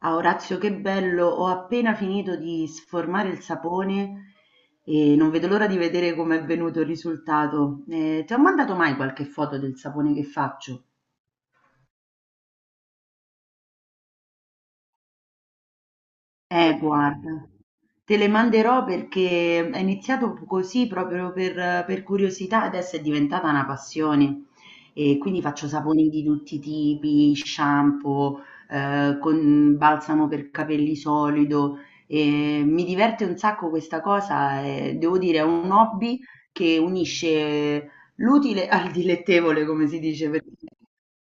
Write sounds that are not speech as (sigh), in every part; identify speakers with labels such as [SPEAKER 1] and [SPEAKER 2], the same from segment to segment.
[SPEAKER 1] A Orazio che bello, ho appena finito di sformare il sapone e non vedo l'ora di vedere com'è venuto il risultato. Ti ho mandato mai qualche foto del sapone che faccio? Guarda, te le manderò perché è iniziato così proprio per curiosità, adesso è diventata una passione. E quindi faccio saponi di tutti i tipi, shampoo, con balsamo per capelli solido. E mi diverte un sacco questa cosa, e devo dire, è un hobby che unisce l'utile al dilettevole, come si dice,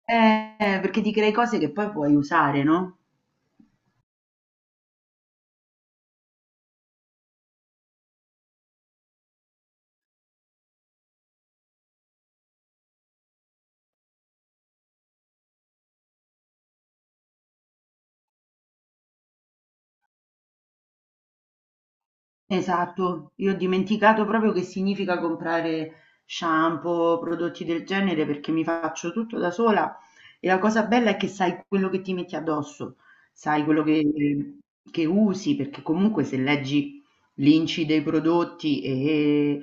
[SPEAKER 1] eh, perché ti crei cose che poi puoi usare, no? Esatto, io ho dimenticato proprio che significa comprare shampoo, prodotti del genere perché mi faccio tutto da sola e la cosa bella è che sai quello che ti metti addosso, sai quello che usi perché comunque se leggi l'inci dei prodotti e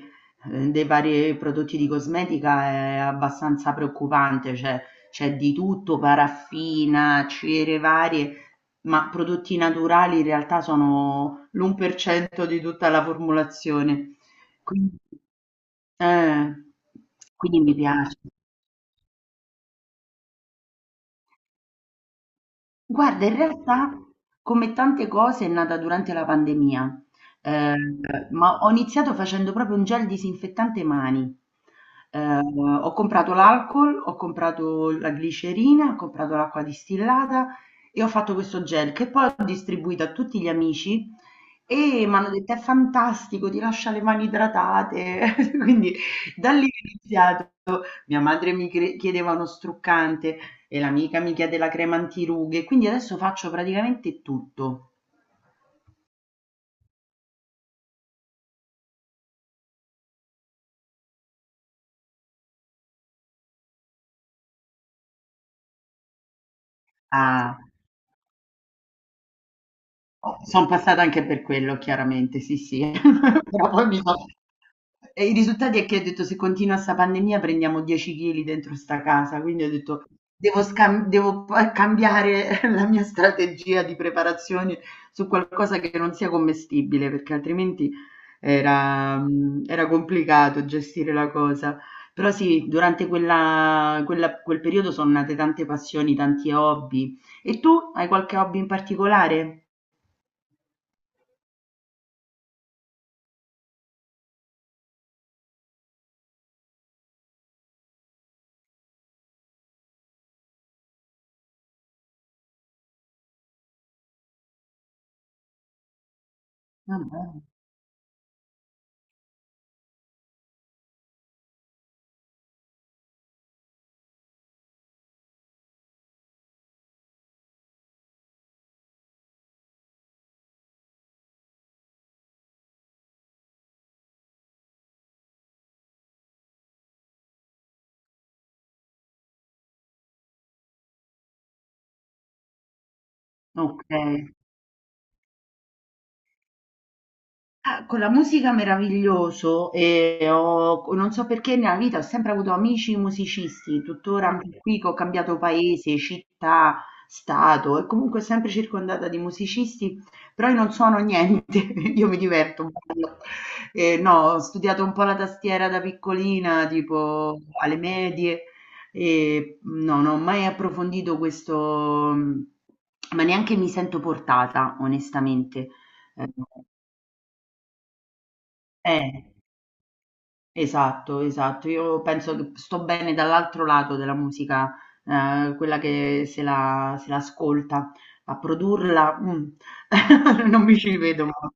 [SPEAKER 1] eh, dei vari prodotti di cosmetica è abbastanza preoccupante, cioè c'è di tutto, paraffina, cere varie. Ma prodotti naturali in realtà sono l'1% di tutta la formulazione. Quindi eh, quindi mi piace. Guarda, in realtà come tante cose è nata durante la pandemia, ehm, ma ho iniziato facendo proprio un gel disinfettante mani. Ho comprato l'alcol, ho comprato la glicerina, ho comprato l'acqua distillata e ho fatto questo gel che poi ho distribuito a tutti gli amici e mi hanno detto è fantastico, ti lascia le mani idratate. (laughs) Quindi da lì mia madre chiedeva uno struccante e l'amica mi chiede la crema antirughe, quindi adesso faccio praticamente tutto. Ah. Son passata anche per quello chiaramente, sì, sì. (laughs) Però poi mi so e i risultati è che ho detto: "Se continua 'sta pandemia prendiamo 10 chili dentro 'sta casa", quindi ho detto: devo pa cambiare (laughs) la mia strategia di preparazione su qualcosa che non sia commestibile", perché altrimenti era era complicato gestire la cosa. Però sì, durante quella quel periodo son nate tante passioni, tanti hobby. E tu hai qualche hobby in particolare? Vabbè, okay. Ah, con la musica meraviglioso e ho non so perché nella vita ho sempre avuto amici musicisti, tuttora anche qui che ho cambiato paese, città, stato e comunque sempre circondata di musicisti, però io non suono niente, (laughs) io mi diverto un po'. No, ho studiato un po' la tastiera da piccolina, tipo alle medie e no, non ho mai approfondito questo, ma neanche mi sento portata, onestamente. Eh, eh, Esatto, esatto. Io penso che sto bene dall'altro lato della musica, quella che se l'ascolta, a produrla, mm, (laughs) non mi ci vedo molto.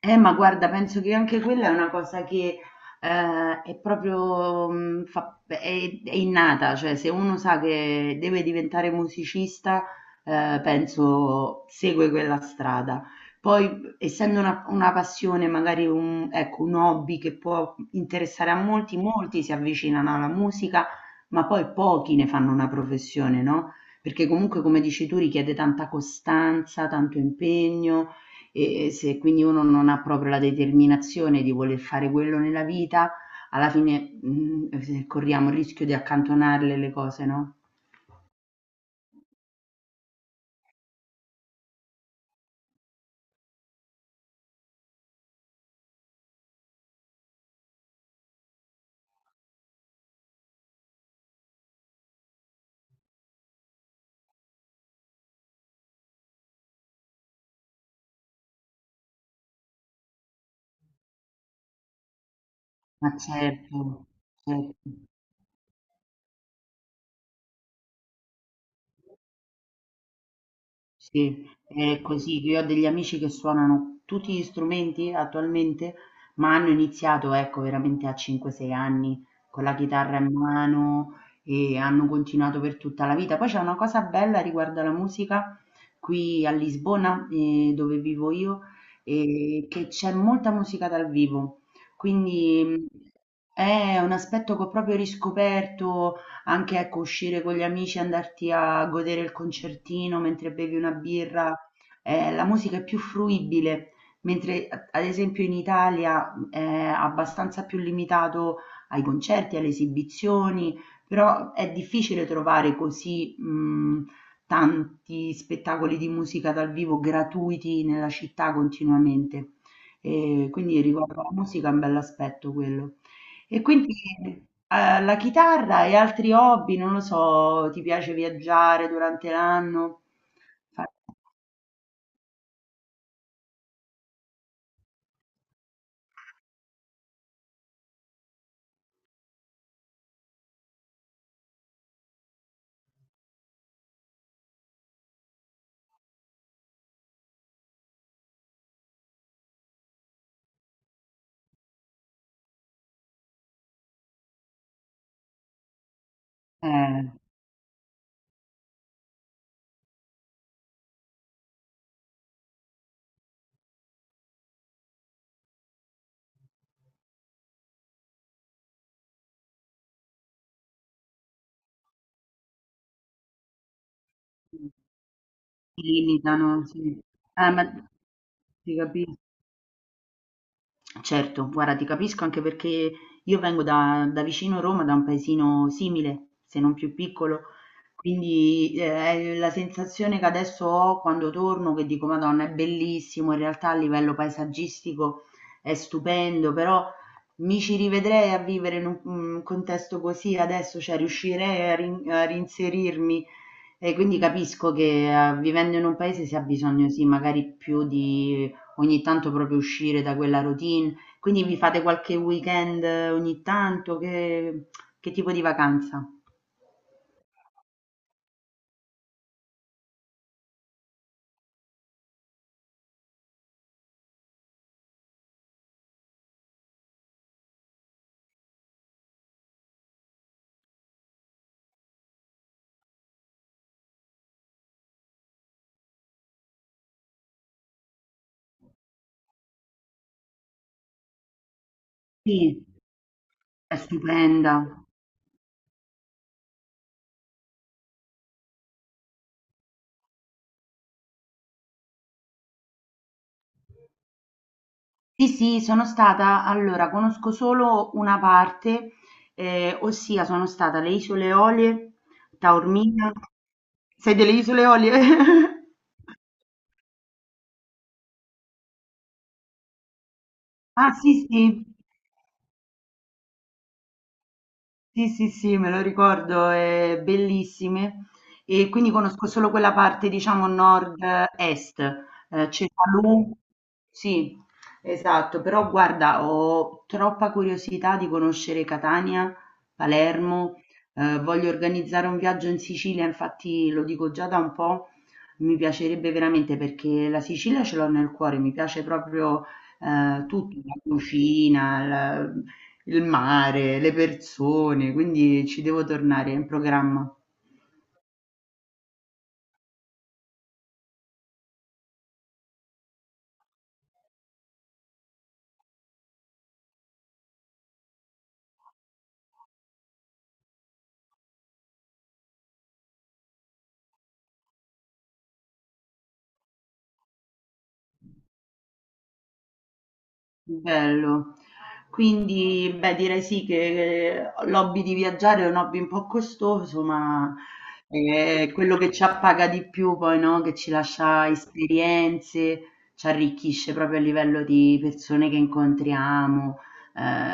[SPEAKER 1] Ma guarda, penso che anche quella è una cosa che è proprio è innata, cioè se uno sa che deve diventare musicista, penso segue quella strada. Poi, essendo una passione, magari un, ecco, un hobby che può interessare a molti, molti si avvicinano alla musica, ma poi pochi ne fanno una professione, no? Perché comunque, come dici tu, richiede tanta costanza, tanto impegno e se quindi uno non ha proprio la determinazione di voler fare quello nella vita, alla fine, corriamo il rischio di accantonarle le cose, no? Ma certo, certo. Sì, è così. Io ho degli amici che suonano tutti gli strumenti attualmente, ma hanno iniziato, ecco, veramente a 5-6 anni con la chitarra in mano e hanno continuato per tutta la vita. Poi c'è una cosa bella riguardo alla musica qui a Lisbona, dove vivo io, che c'è molta musica dal vivo. Quindi è un aspetto che ho proprio riscoperto anche ecco uscire con gli amici, andarti a godere il concertino mentre bevi una birra, la musica è più fruibile, mentre a ad esempio in Italia è abbastanza più limitato ai concerti, alle esibizioni, però è difficile trovare così, tanti spettacoli di musica dal vivo gratuiti nella città continuamente. Quindi riguardo alla musica è un bell'aspetto quello. E quindi, la chitarra e altri hobby, non lo so, ti piace viaggiare durante l'anno? Fa Eh, ti limitano, sì. Ma ti capisco. Certo, guarda, ti capisco anche perché io vengo da vicino Roma, da un paesino simile, se non più piccolo, quindi è la sensazione che adesso ho quando torno, che dico, Madonna, è bellissimo, in realtà a livello paesaggistico è stupendo, però mi ci rivedrei a vivere in un contesto così adesso, cioè riuscirei a, a reinserirmi e quindi capisco che vivendo in un paese si ha bisogno, sì, magari più di ogni tanto proprio uscire da quella routine. Quindi vi fate qualche weekend ogni tanto? Che tipo di vacanza? Sì, è stupenda. Sì, sì, sono stata, allora conosco solo una parte, ossia sono stata alle Isole Olie, Taormina. Sei delle Isole Olie? (laughs) Ah, sì, sì. Sì, sì, sì, me lo ricordo, è bellissime. E quindi conosco solo quella parte, diciamo, nord-est, Cefalù. Sì, esatto, però guarda, ho troppa curiosità di conoscere Catania, Palermo, voglio organizzare un viaggio in Sicilia, infatti lo dico già da un po', mi piacerebbe veramente perché la Sicilia ce l'ho nel cuore, mi piace proprio tutto, la cucina, il mare, le persone, quindi ci devo tornare, è in programma. Bello. Quindi, beh, direi sì che l'hobby di viaggiare è un hobby un po' costoso, ma è quello che ci appaga di più poi, no? Che ci lascia esperienze, ci arricchisce proprio a livello di persone che incontriamo,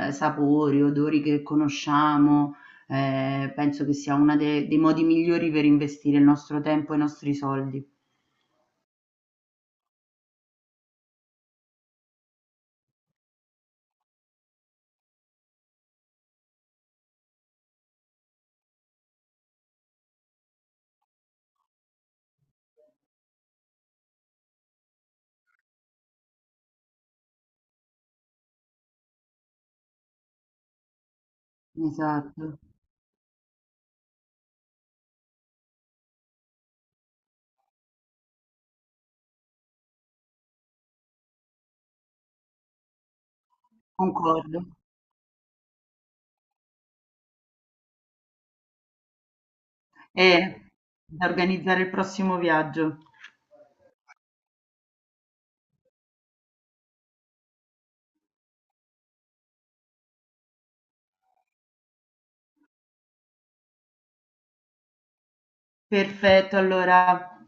[SPEAKER 1] sapori, odori che conosciamo. Penso che sia uno dei modi migliori per investire il nostro tempo e i nostri soldi. Esatto, concordo. Eh, da organizzare il prossimo viaggio. Perfetto, allora.